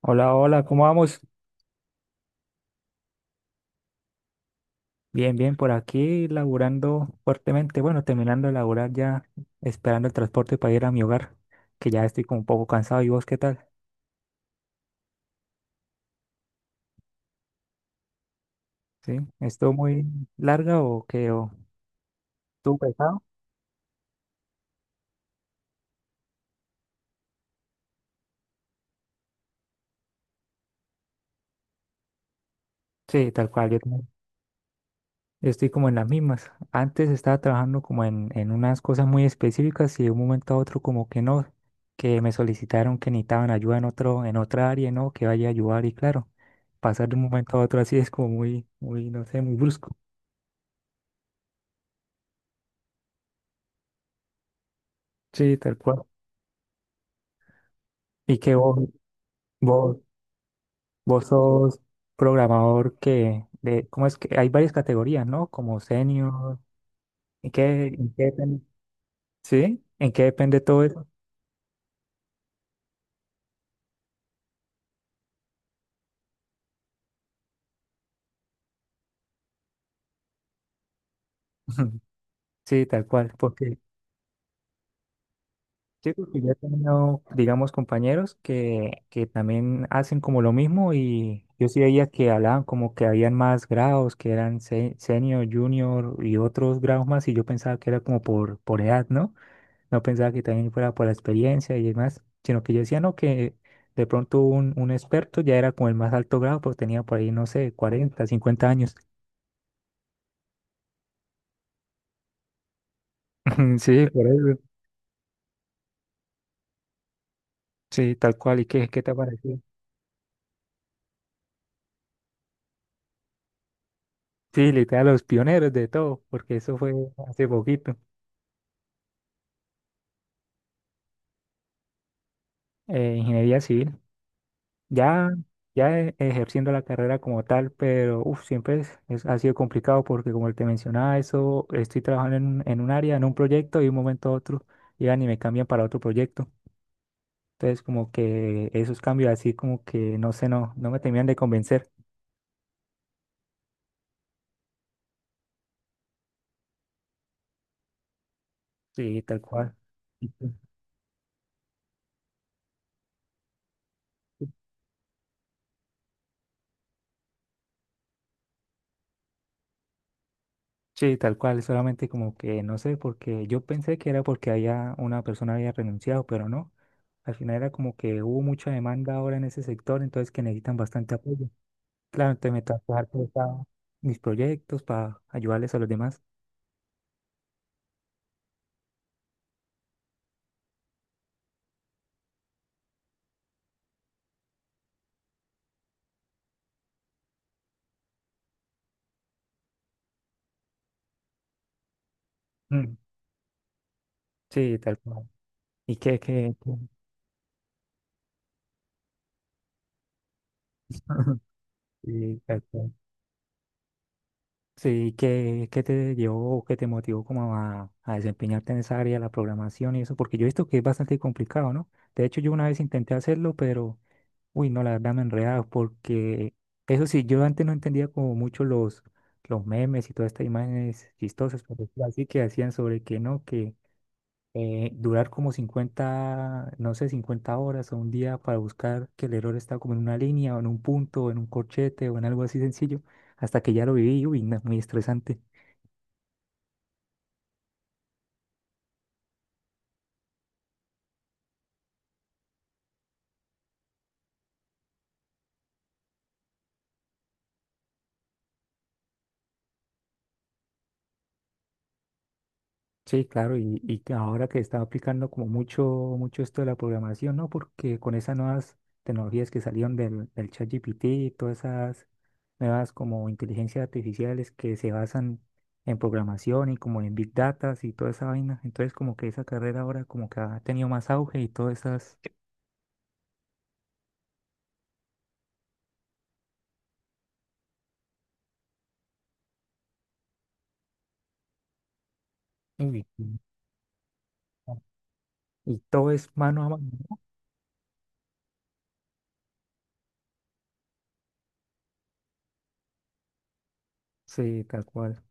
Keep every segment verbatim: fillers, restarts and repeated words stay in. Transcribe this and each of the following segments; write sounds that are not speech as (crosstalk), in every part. Hola, hola, ¿cómo vamos? Bien, bien, por aquí laburando fuertemente. Bueno, terminando de laburar ya, esperando el transporte para ir a mi hogar, que ya estoy como un poco cansado. ¿Y vos qué tal? ¿Sí? ¿Estuvo muy larga o qué? ¿O estuvo pesado? Sí, tal cual, yo también. Yo estoy como en las mismas. Antes estaba trabajando como en, en unas cosas muy específicas y de un momento a otro como que no, que me solicitaron que necesitaban ayuda en otro, en otra área, ¿no? Que vaya a ayudar y claro, pasar de un momento a otro así es como muy, muy, no sé, muy brusco. Sí, tal cual. Y que vos, vos, vos sos programador que de, ¿cómo es que? Hay varias categorías, ¿no? Como senior. ¿En qué, en qué depende? ¿Sí? ¿En qué depende todo eso? (laughs) Sí, tal cual. Porque, sí, porque yo he tenido, digamos, compañeros que, que también hacen como lo mismo y yo sí veía que hablaban como que habían más grados, que eran se- senior, junior y otros grados más y yo pensaba que era como por, por edad, ¿no? No pensaba que también fuera por la experiencia y demás, sino que yo decía, no, que de pronto un, un experto ya era como el más alto grado, pues tenía por ahí, no sé, cuarenta cincuenta años. (laughs) Sí, por eso. Sí, tal cual. ¿Y qué, qué te pareció? Sí, literal, los pioneros de todo, porque eso fue hace poquito. Eh, ingeniería civil, ya, ya e- ejerciendo la carrera como tal, pero uf, siempre es, es- ha sido complicado porque como te mencionaba, eso, estoy trabajando en, un- en un área, en un proyecto y de un momento a otro llegan y me cambian para otro proyecto. Entonces, como que esos cambios así, como que no sé, no, no me terminan de convencer. Sí, tal cual. Sí, tal cual, solamente como que no sé, porque yo pensé que era porque había una persona había renunciado, pero no. Al final era como que hubo mucha demanda ahora en ese sector, entonces que necesitan bastante apoyo. Claro, entonces me toca dejar por esa- mis proyectos para ayudarles a los demás. Mm, sí, tal cual. ¿Y qué, qué, qué? (laughs) Sí, tal cual. Sí, ¿qué, qué te llevó o qué te motivó como a, a desempeñarte en esa área de la programación y eso? Porque yo he visto que es bastante complicado, ¿no? De hecho, yo una vez intenté hacerlo, pero, uy, no, la verdad me enredaba porque, eso sí, yo antes no entendía como mucho los, los memes y todas estas imágenes chistosas, por decirlo así, que hacían sobre que no, que eh, durar como cincuenta no sé, cincuenta horas o un día para buscar que el error está como en una línea o en un punto o en un corchete o en algo así sencillo, hasta que ya lo viví, uy, no, es muy estresante. Sí, claro, y, y que ahora que está aplicando como mucho, mucho esto de la programación, ¿no? Porque con esas nuevas tecnologías que salieron del, del ChatGPT y todas esas nuevas como inteligencias artificiales que se basan en programación y como en Big Data y toda esa vaina, entonces como que esa carrera ahora como que ha tenido más auge y todas esas... Uy, no. Y todo es mano a mano. ¿No? Sí, tal cual.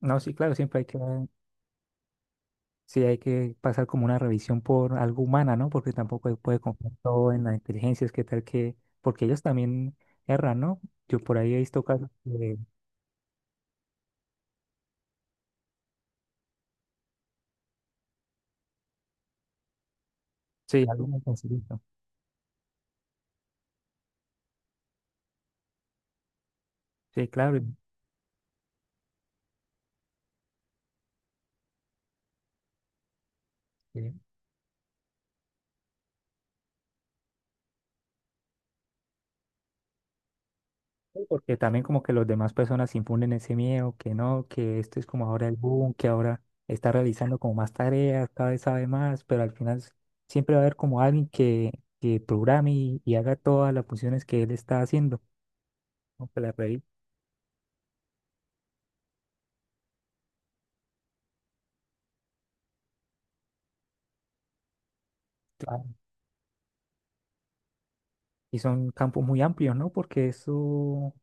No, sí, claro, siempre hay que sí, hay que pasar como una revisión por algo humana, ¿no? Porque tampoco se puede confiar todo en las inteligencias, qué tal que, porque ellos también erran, ¿no? Yo por ahí he visto casos que, sí, algo muy sencillito. Sí, claro. y- y- sí, porque también como que las demás personas infunden ese miedo, que no, que esto es como ahora el boom, que ahora está realizando como más tareas, cada vez sabe más, pero al final s- siempre va a haber como alguien que, que programe y, y haga todas las funciones que él está haciendo, aunque la revise. Y son campos muy amplios, ¿no? Porque eso, o,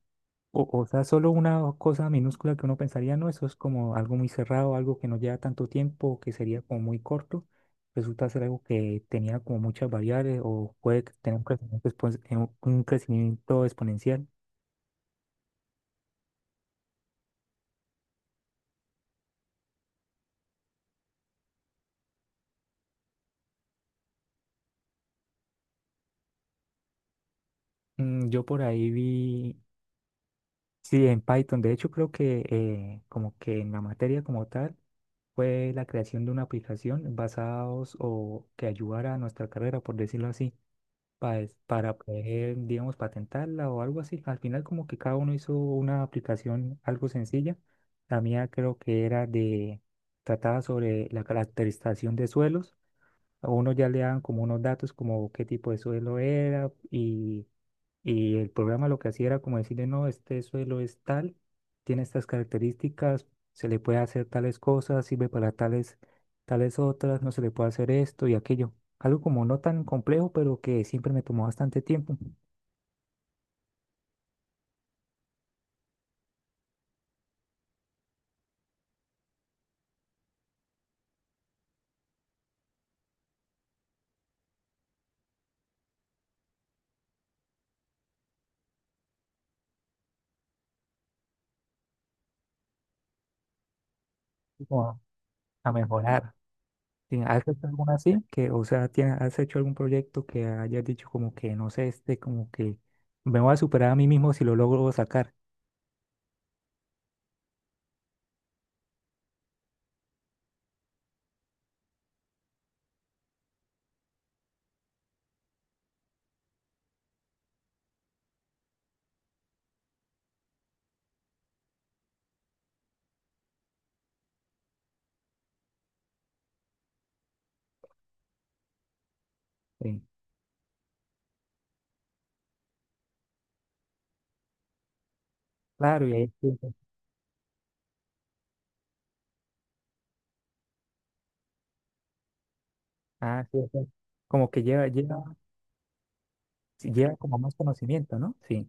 o sea, solo una cosa minúscula que uno pensaría, no, eso es como algo muy cerrado, algo que no lleva tanto tiempo, que sería como muy corto, resulta ser algo que tenía como muchas variables o puede que tener un crecimiento, expo- eh, un un crecimiento exponencial. Mm, yo por ahí vi, sí, en Python, de hecho creo que eh, como que en la materia como tal fue la creación de una aplicación basados o que ayudara a nuestra carrera, por decirlo así. pa- para poder, digamos, patentarla o algo así. Al final como que cada uno hizo una aplicación algo sencilla. La mía creo que era de, trataba sobre la caracterización de suelos. A uno ya le daban como unos datos como qué tipo de suelo era y y el programa lo que hacía era como decirle, no, este suelo es tal, tiene estas características, se le puede hacer tales cosas, sirve para tales, tales otras, no se le puede hacer esto y aquello. Algo como no tan complejo, pero que siempre me tomó bastante tiempo como a mejorar. ¿Tien- ¿Has hecho alguna así? Que, o sea, tiene- ¿has hecho algún proyecto que hayas dicho como que, no sé, este, como que me voy a superar a mí mismo si lo logro sacar? Sí. Claro, y ahí sí, sí. Ah, sí, sí. Como que lleva, lleva sí lleva como más conocimiento, ¿no? Sí,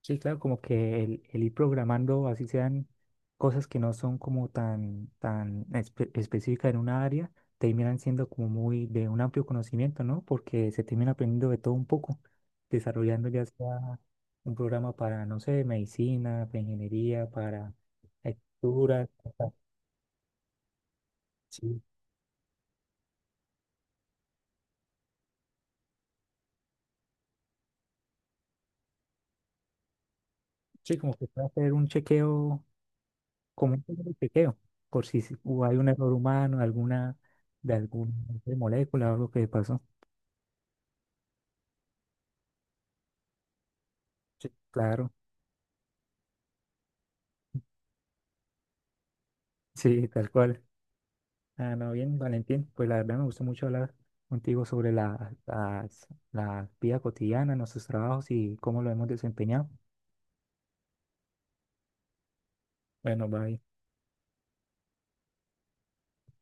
sí, claro, como que el, el ir programando, así sean cosas que no son como tan, tan espe- específicas en una área, terminan siendo como muy de un amplio conocimiento, ¿no? Porque se termina aprendiendo de todo un poco, desarrollando ya sea un programa para, no sé, medicina, para ingeniería, para lectura. Sí, sí, como que puede hacer un chequeo como un pequeño chequeo, por si s- hubo- hay un error humano, alguna, de alguna no sé, molécula o algo que pasó. Sí, claro, sí, tal cual. Ah, no, bien, Valentín, pues la verdad me gustó mucho hablar contigo sobre la, las- la vida cotidiana, nuestros trabajos y cómo lo hemos desempeñado. Bueno, bye.